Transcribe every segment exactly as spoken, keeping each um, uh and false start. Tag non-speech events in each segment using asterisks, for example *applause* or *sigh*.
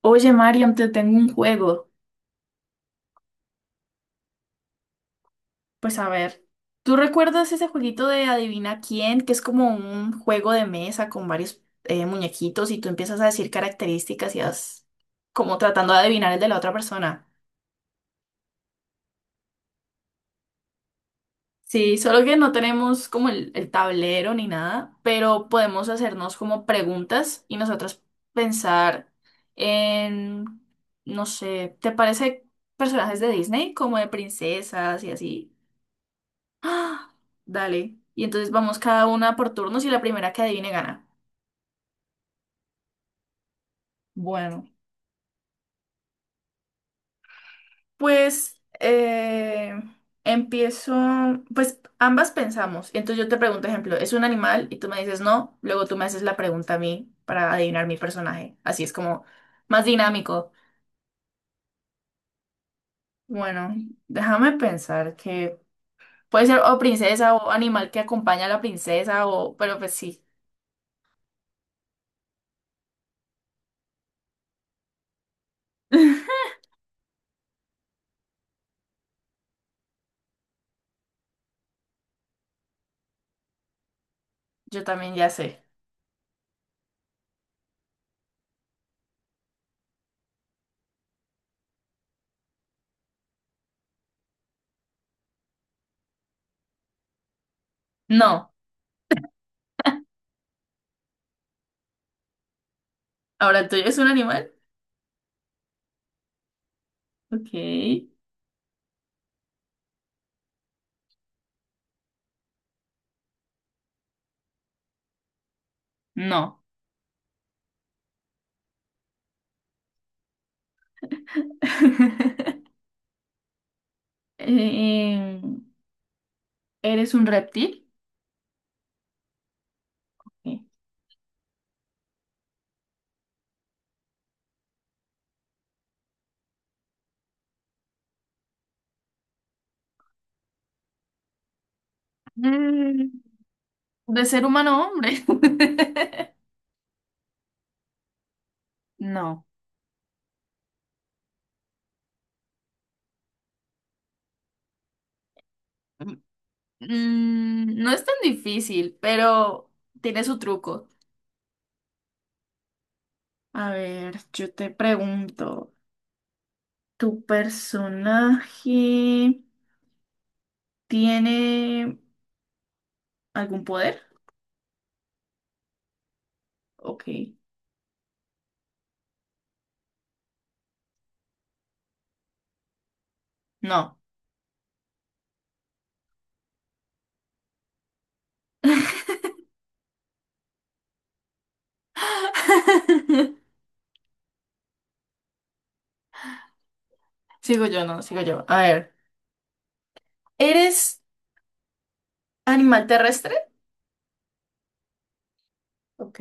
Oye, Mariam, te tengo un juego. Pues a ver, ¿tú recuerdas ese jueguito de Adivina quién? Que es como un juego de mesa con varios eh, muñequitos y tú empiezas a decir características y vas como tratando de adivinar el de la otra persona. Sí, solo que no tenemos como el, el tablero ni nada, pero podemos hacernos como preguntas y nosotros pensar en, no sé, ¿te parece personajes de Disney como de princesas y así? ¡Ah! Dale. Y entonces vamos cada una por turnos y la primera que adivine gana. Bueno, pues eh, empiezo, pues ambas pensamos. Entonces yo te pregunto, ejemplo, ¿es un animal? Y tú me dices no, luego tú me haces la pregunta a mí para adivinar mi personaje. Así es como más dinámico. Bueno, déjame pensar que puede ser o princesa o animal que acompaña a la princesa o, pero pues sí, *laughs* yo también ya sé. No, ahora tú, ¿es un animal? Ok. No. *laughs* Eh, ¿eres un reptil? Sí. Mm, ¿de ser humano, hombre? *laughs* No. Mm, no es tan difícil, pero tiene su truco. A ver, yo te pregunto, ¿tu personaje tiene algún poder? Ok. No. *laughs* Sigo yo, no, sigo yo. A ver. ¿Eres animal terrestre? Ok.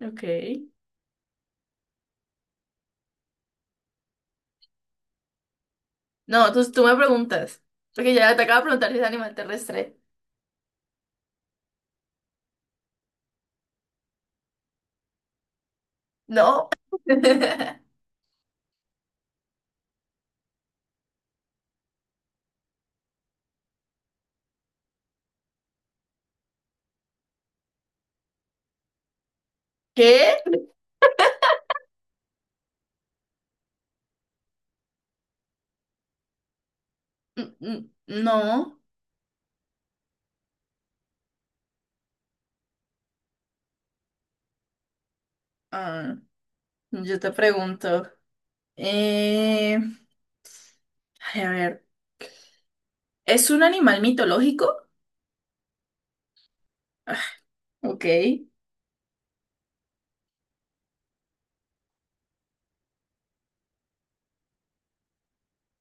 Ok. No, entonces tú me preguntas. Porque ya te acabo de preguntar si es animal terrestre. No. *laughs* ¿Qué? N- n- No. Ah, yo te pregunto. Eh, ay, a ver. ¿Es un animal mitológico? Ok.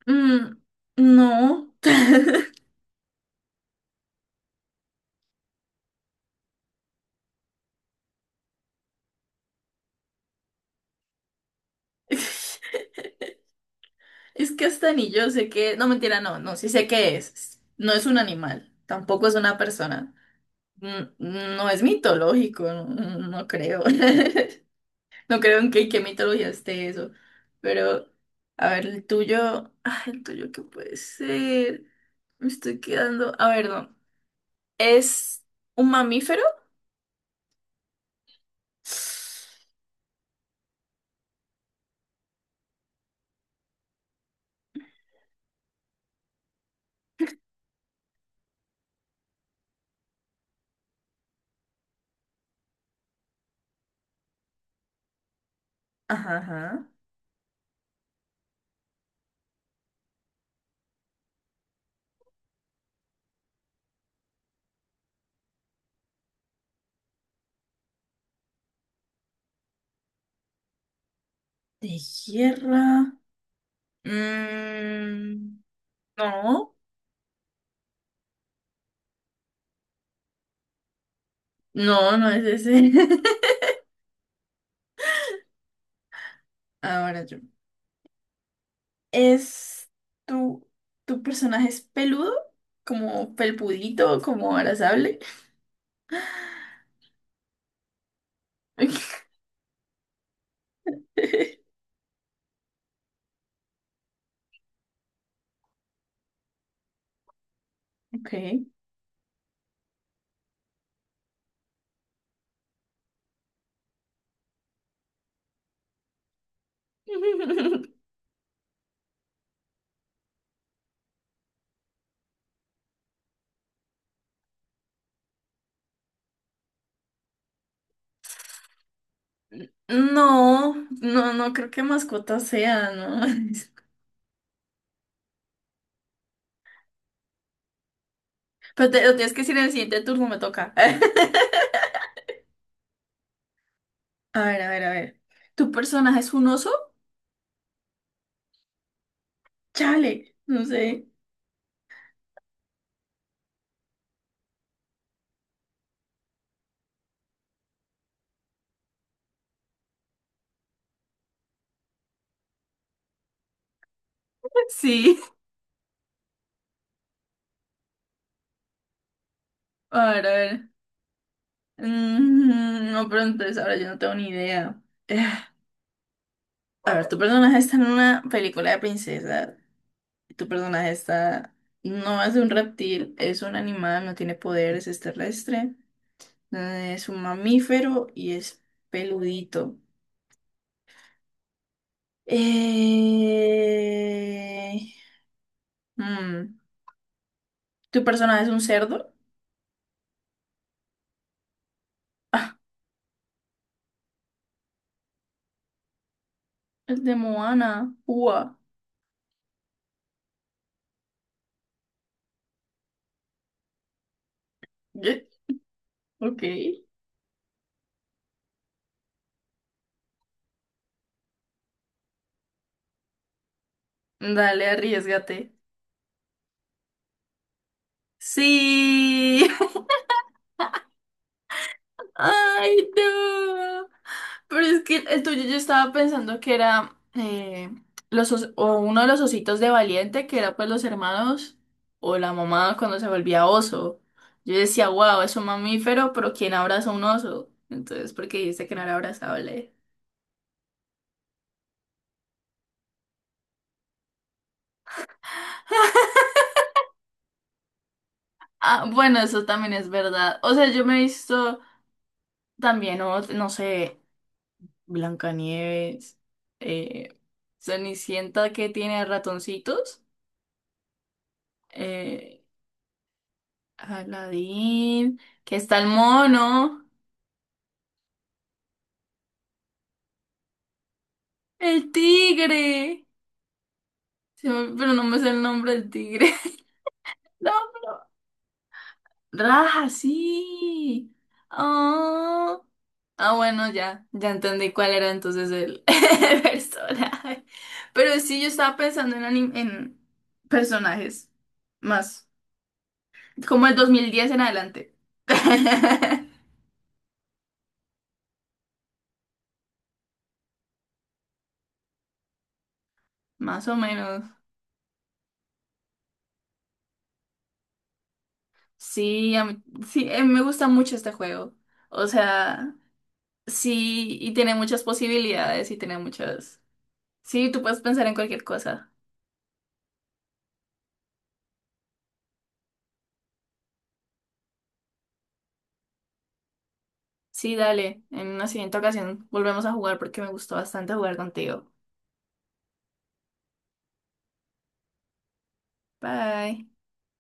Mm, no. *laughs* Es que hasta ni yo sé que... No, mentira, no, no, sí sé qué es. No es un animal, tampoco es una persona. Mm, no es mitológico, no, no no creo. *laughs* No creo en que, qué mitología esté eso. Pero, a ver, el tuyo. Ay, el tuyo, ¿qué puede ser? Me estoy quedando. A ver, no. ¿Es un mamífero? Ajá, ajá. ¿De tierra? Mm, no. No, no es ese. *laughs* Ahora yo. ¿Es tu, tu personaje es peludo? ¿Como pelpudito? ¿Como abrazable? *laughs* Ok. *laughs* No, no, no creo que mascota sea, ¿no? *laughs* Pero te, lo tienes que decir en el siguiente turno, me toca. *laughs* A ver, a ver, a ver. ¿Tu personaje es un oso? Chale, no sé. *laughs* Sí. A ver, a ver. Mm, no, pero entonces ahora yo no tengo ni idea. Eh, A ver, tu personaje está en una película de princesa. Tu personaje está... No es un reptil, es un animal, no tiene poderes, es terrestre. eh, Es un mamífero y es peludito. Eh, mm, ¿tu personaje es un cerdo? Ah, es de Moana. Ua. Ye- Ok. Dale, arriesgate. Sí. *laughs* Ay, no. Pero es que el tuyo yo estaba pensando que era eh, los os- o uno de los ositos de Valiente, que era pues los hermanos o la mamá cuando se volvía oso. Yo decía, wow, es un mamífero, pero ¿quién abraza un oso? Entonces, porque dice que no era abrazable. Ah, bueno, eso también es verdad. O sea, yo me he visto también, o- no sé, Blancanieves, eh, Cenicienta que tiene ratoncitos, eh, Aladín, que está el mono, el tigre. Se me- pero no me sé el nombre del tigre. *laughs* No. Raja, sí. Ah, ah, bueno, ya, ya entendí cuál era entonces el, *laughs* el personaje. Pero sí, yo estaba pensando en, anim- en personajes más, como el dos mil diez en adelante. *laughs* Más o menos. Sí, a mí- sí, eh, me gusta mucho este juego. O sea, sí, y tiene muchas posibilidades y tiene muchas... Sí, tú puedes pensar en cualquier cosa. Sí, dale. En una siguiente ocasión volvemos a jugar porque me gustó bastante jugar contigo. Bye.